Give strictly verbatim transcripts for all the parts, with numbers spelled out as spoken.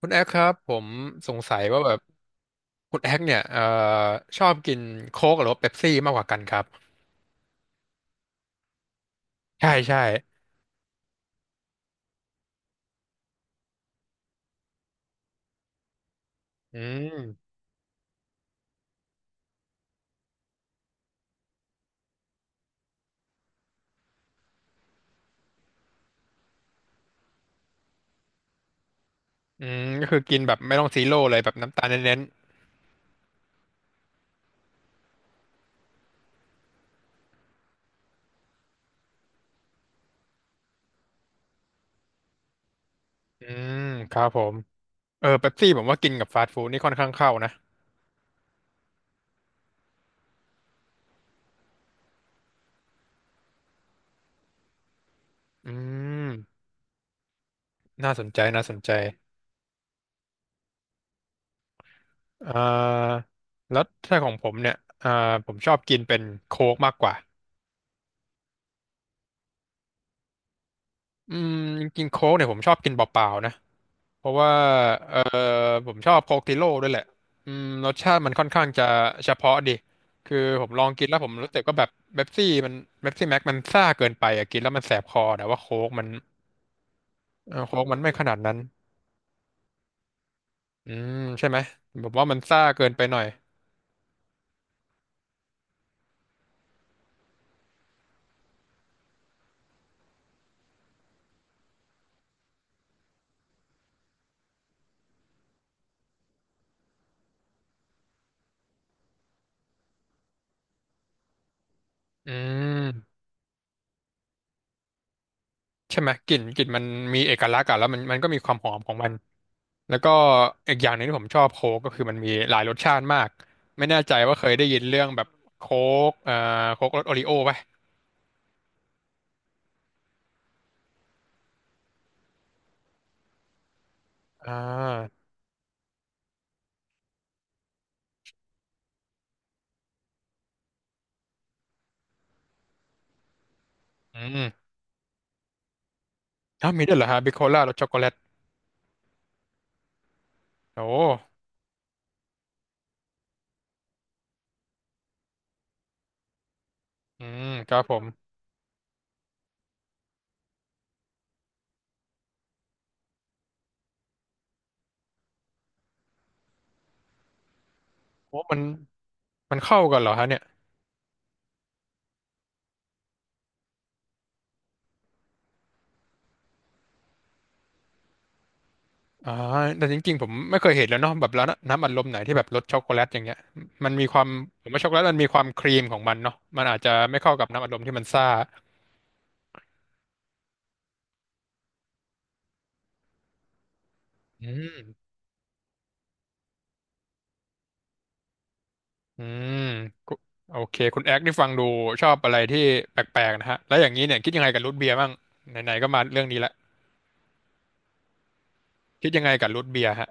คุณแอคครับผมสงสัยว่าแบบคุณแอคเนี่ยเอ่อชอบกินโค้กหรือว่าเป๊ปซี่มากกว่ากันครับใช่ใช่อืมอืมก็คือกินแบบไม่ต้องซีโร่เลยแบบน้ำตาลเน้นๆอืมครับผมเออเป๊ปซี่ผมว่ากินกับฟาสต์ฟู้ดนี่ค่อนข้างเข้านะอืมน่าสนใจน่าสนใจเอ่อแล้วถ้าของผมเนี่ยเอ่อผมชอบกินเป็นโค้กมากกว่าอืมจริงๆโค้กเนี่ยผมชอบกินเปล่าๆนะ เพราะว่าเออผมชอบโคกติโร่ด้วยแหละอืมรสชาติมันค่อนข้างจะเฉพาะดิคือผมลองกินแล้วผมรู้สึกว่าแบบเป๊ปซี่มันเป๊ปซี่แม็กมันซ่าเกินไปอะกินแล้วมันแสบคอแต่ว่าโค้กมันเออโค้กมันไม่ขนาดนั้นอืมใช่ไหมผมว่ามันซ่าเกินไปหน่อยอืมใช่ไหมกลิ่นกลิ่นมันมีเอกลักษณ์อะแล้วมันมันก็มีความหอมของมันแล้วก็อีกอย่างหนึ่งที่ผมชอบโค้กก็คือมันมีหลายรสชาติมากไม่แน่ใจว่าเคยได้ยินเรื่องแบบโค้กเอ่อโค้กรสโอริโอ้ปะอ่า อืมถ้าวมีด้วยเหรอฮะบิโคล่ารสช็อกโกแลตโอ้อืมครับผมโอ้มันมันเข้ากันเหรอฮะเนี่ยอ่าแต่จริงๆผมไม่เคยเห็นแล้วเนาะแบบร้านน้ำอัดลมไหนที่แบบรสช็อกโกแลตอย่างเงี้ยมันมีความผมว่าช็อกโกแลตมันมีความครีมของมันเนาะมันอาจจะไม่เข้ากับน้ำอัดลมที่มันซ่าอืมอืมกุโอเคคุณแอ๊กนี่ฟังดูชอบอะไรที่แปลกๆนะฮะแล้วอย่างนี้เนี่ยคิดยังไงกับรูทเบียร์บ้างไหนๆก็มาเรื่องนี้ละคิดยังไงกับรูทเบียร์ฮะ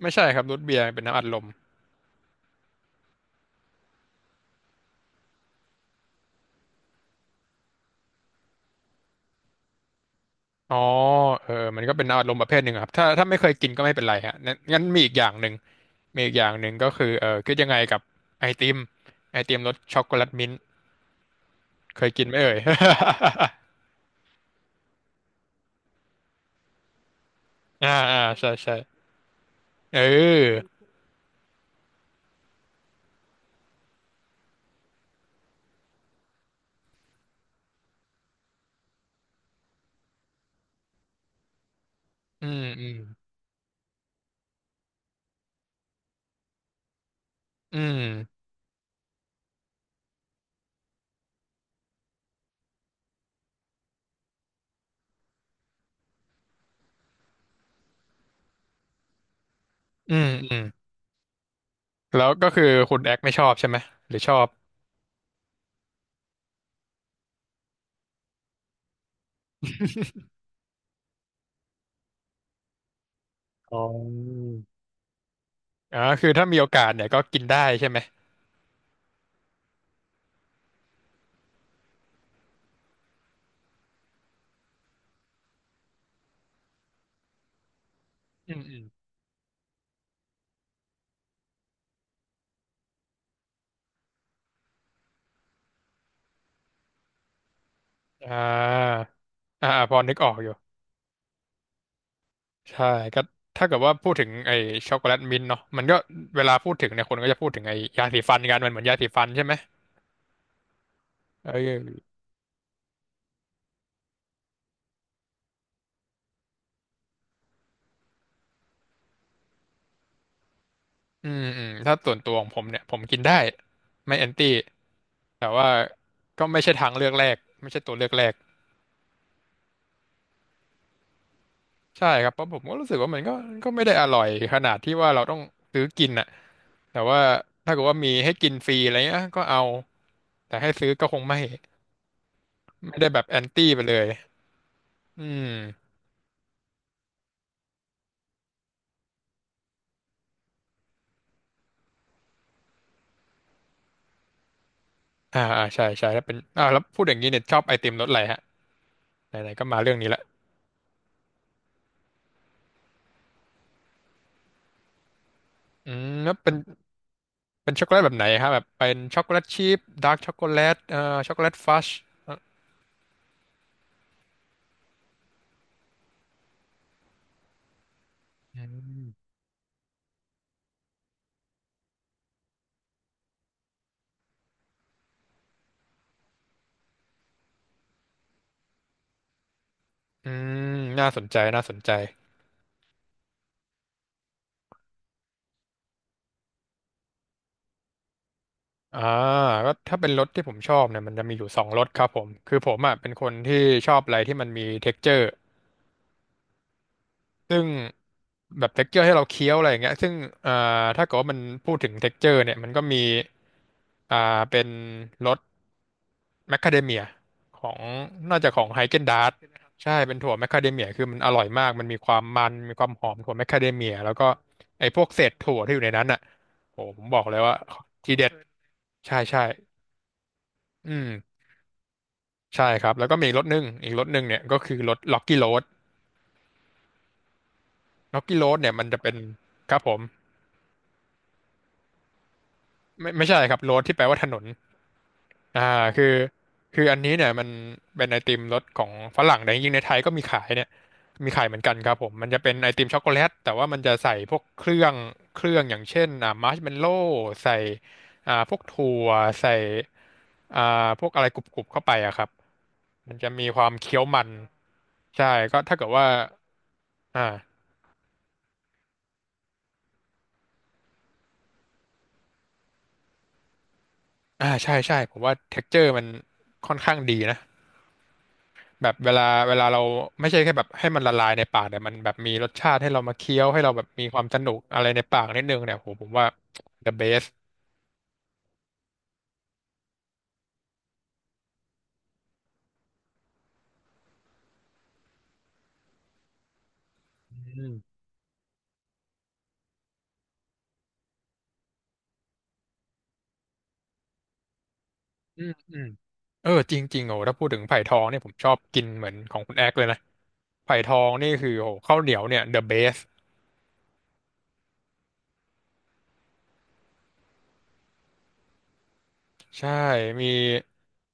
ไม่ใช่ครับรูทเบียร์เป็นน้ำอัดลม อ๋อเออมันก็เป็นอารมณ์ประเภทหนึ่งอะครับถ้าถ้าไม่เคยกินก็ไม่เป็นไรฮะงั้นงั้นมีอีกอย่างหนึ่งมีอีกอย่างหนึ่งก็คือเออคิดยังไงกับไอติมไอติมรสช็อกโกแลตมิ้นท์เคยกินไหมเอ่ย อ่าอ่าใช่ใช่เอออืมอืมอืมอืมอืมแล้วก็คือคุณแอกไม่ชอบใช่ไหม หรือชอบอ๋ออ่าคือถ้ามีโอกาสเนี่ยก็กินได้ใช่ไหมอืมอืมอ่าอ่าพอนึกออกอยู่ ใช่ก็ถ้าเกิดว่าพูดถึงไอ้ช็อกโกแลตมิ้นท์เนาะมันก็เวลาพูดถึงเนี่ยคนก็จะพูดถึงไอ้ยาสีฟันกันมันเหมือนยาสีฟันใช่ไหมเอออืมอืมถ้าส่วนตัวของผมเนี่ยผมกินได้ไม่แอนตี้แต่ว่าก็ไม่ใช่ทางเลือกแรกไม่ใช่ตัวเลือกแรกใช่ครับเพราะผมก็รู้สึกว่ามันก็ก็ไม่ได้อร่อยขนาดที่ว่าเราต้องซื้อกินอะแต่ว่าถ้าเกิดว่ามีให้กินฟรีอะไรเงี้ยก็เอาแต่ให้ซื้อก็คงไม่ไม่ได้แบบแอนตี้ไปเลยอืม อ่าอ่าใช่ใช่แล้วเป็นอ่าแล้วพูดอย่างนี้เนี่ยชอบไอติมรสอะไรฮะไหนๆก็มาเรื่องนี้ละอืมแล้วเป็นเป็นช็อกโกแลตแบบไหนครับแบบเป็นช็อกโกแลตชีพดาร์กช็อกโกแลตเอ่อช็อกโกแลตฟัชอืมอืมน่าสนใจน่าสนใจอ่าก็ถ้าเป็นรสที่ผมชอบเนี่ยมันจะมีอยู่สองรสครับผมคือผมอ่ะเป็นคนที่ชอบอะไรที่มันมี texture ซึ่งแบบเท็กเจอร์ให้เราเคี้ยวอะไรอย่างเงี้ยซึ่งอ่าถ้าเกิดว่ามันพูดถึงเท็กเจอร์เนี่ยมันก็มีอ่าเป็นรส แมคคาเดเมียของน่าจะของไฮเกนดาร์ใช่เป็นถั่วแมคคาเดเมียคือมันอร่อยมากมันมีความมันมีความหอมถั่วแมคคาเดเมียแล้วก็ไอ้พวกเศษถั่วที่อยู่ในนั้นอ่ะโอ้ผมบอกเลยว่าทีเด็ดใช่ใช่อืมใช่ครับแล้วก็มีอีกรสหนึ่งอีกรสหนึ่งเนี่ยก็คือรสล็อกกี้โรดล็อกกี้โรดเนี่ยมันจะเป็นครับผมไม่ไม่ใช่ครับโรดที่แปลว่าถนน อ่าคือคืออันนี้เนี่ยมันเป็นไอติมรสของฝรั่งแต่จริงๆในไทยก็มีขายเนี่ยมีขายเหมือนกันครับผมมันจะเป็นไอติมช็อกโกแลตแต่ว่ามันจะใส่พวกเครื่องเครื่องอย่างเช่นอ่ามาร์ชเมลโล่ใส่อ่าพวกถั่วใส่อ่าพวกอะไรกรุบๆเข้าไปอะครับมันจะมีความเคี้ยวมันใช่ก็ถ้าเกิดว่าอ่าอ่าใช่ใช่ผมว่าเท็กเจอร์มันค่อนข้างดีนะ แบบเวลาเวลาเราไม่ใช่แค่แบบให้มันละลายในปากแต่มันแบบมีรสชาติให้เรามาเคี้ยวให้เราแบบมีความสนุกอะไรในปากนิดนึงเนี่ยโหผมว่า the best อืมอืมอืมเออจริงๆโอ้ถ้าพูดถึงไผ่ทองเนี่ยผมชอบกินเหมือนของคุณแอ๊กเลยนะไผ่ทองนี่คือโอ้ข้าวเหนียวเนี่ย the best ใช่มี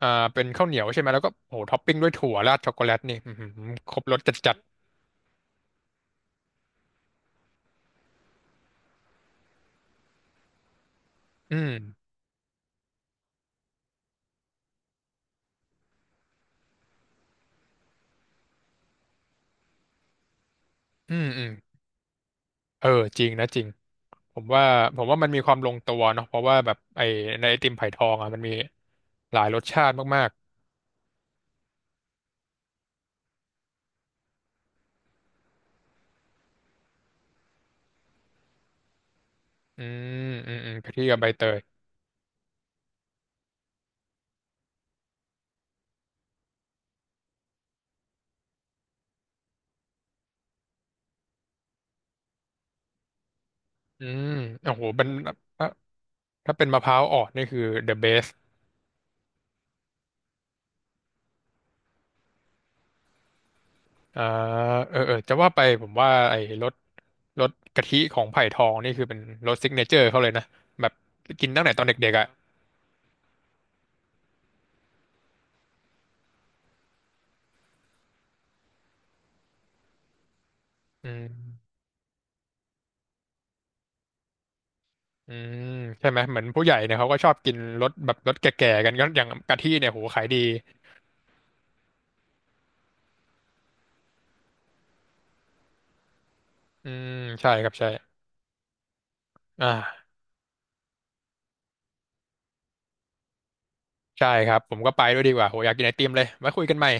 อ่าเป็นข้าวเหนียวใช่ไหมแล้วก็โหท็อปปิ้งด้วยถั่วราดช็อกโกแลตนี่อื้อหือครบรสจัดๆอืมอืมอืมเออจริงนะจริง ผมว่าผมว่ามันมีความลงตัวเนาะเพราะว่าแบบไอในไอติมไผ่ทองอ่ะมันมีหลายรสชาติมากๆอืมอืมอืมกะทิกับใบเตยอืมโอ้โหเป็นถ้าถ้าเป็นมะพร้าวอ่อนนี่คือ the best อ่าเออเออจะว่าไปผมว่าไอ้รสรสกะทิของไผ่ทองนี่คือเป็นรสซิกเนเจอร์เขาเลยนะแบบกินตั้งแต่ตอนเด็กๆอ่ะอืมอืมใช่ไหมเหมือนผู้ใหญ่เนี่ยเขาก็ชอบกินรสแบบรสแก่ๆกันก็อย่างกะทิเนี่ยโหขายดีอืมใช่ครับใช่อ่า ใช่ครับ ผมก็ไปด้วยดีกว่าโหอยากกินไอติมเลยไว้คุยกันใหม่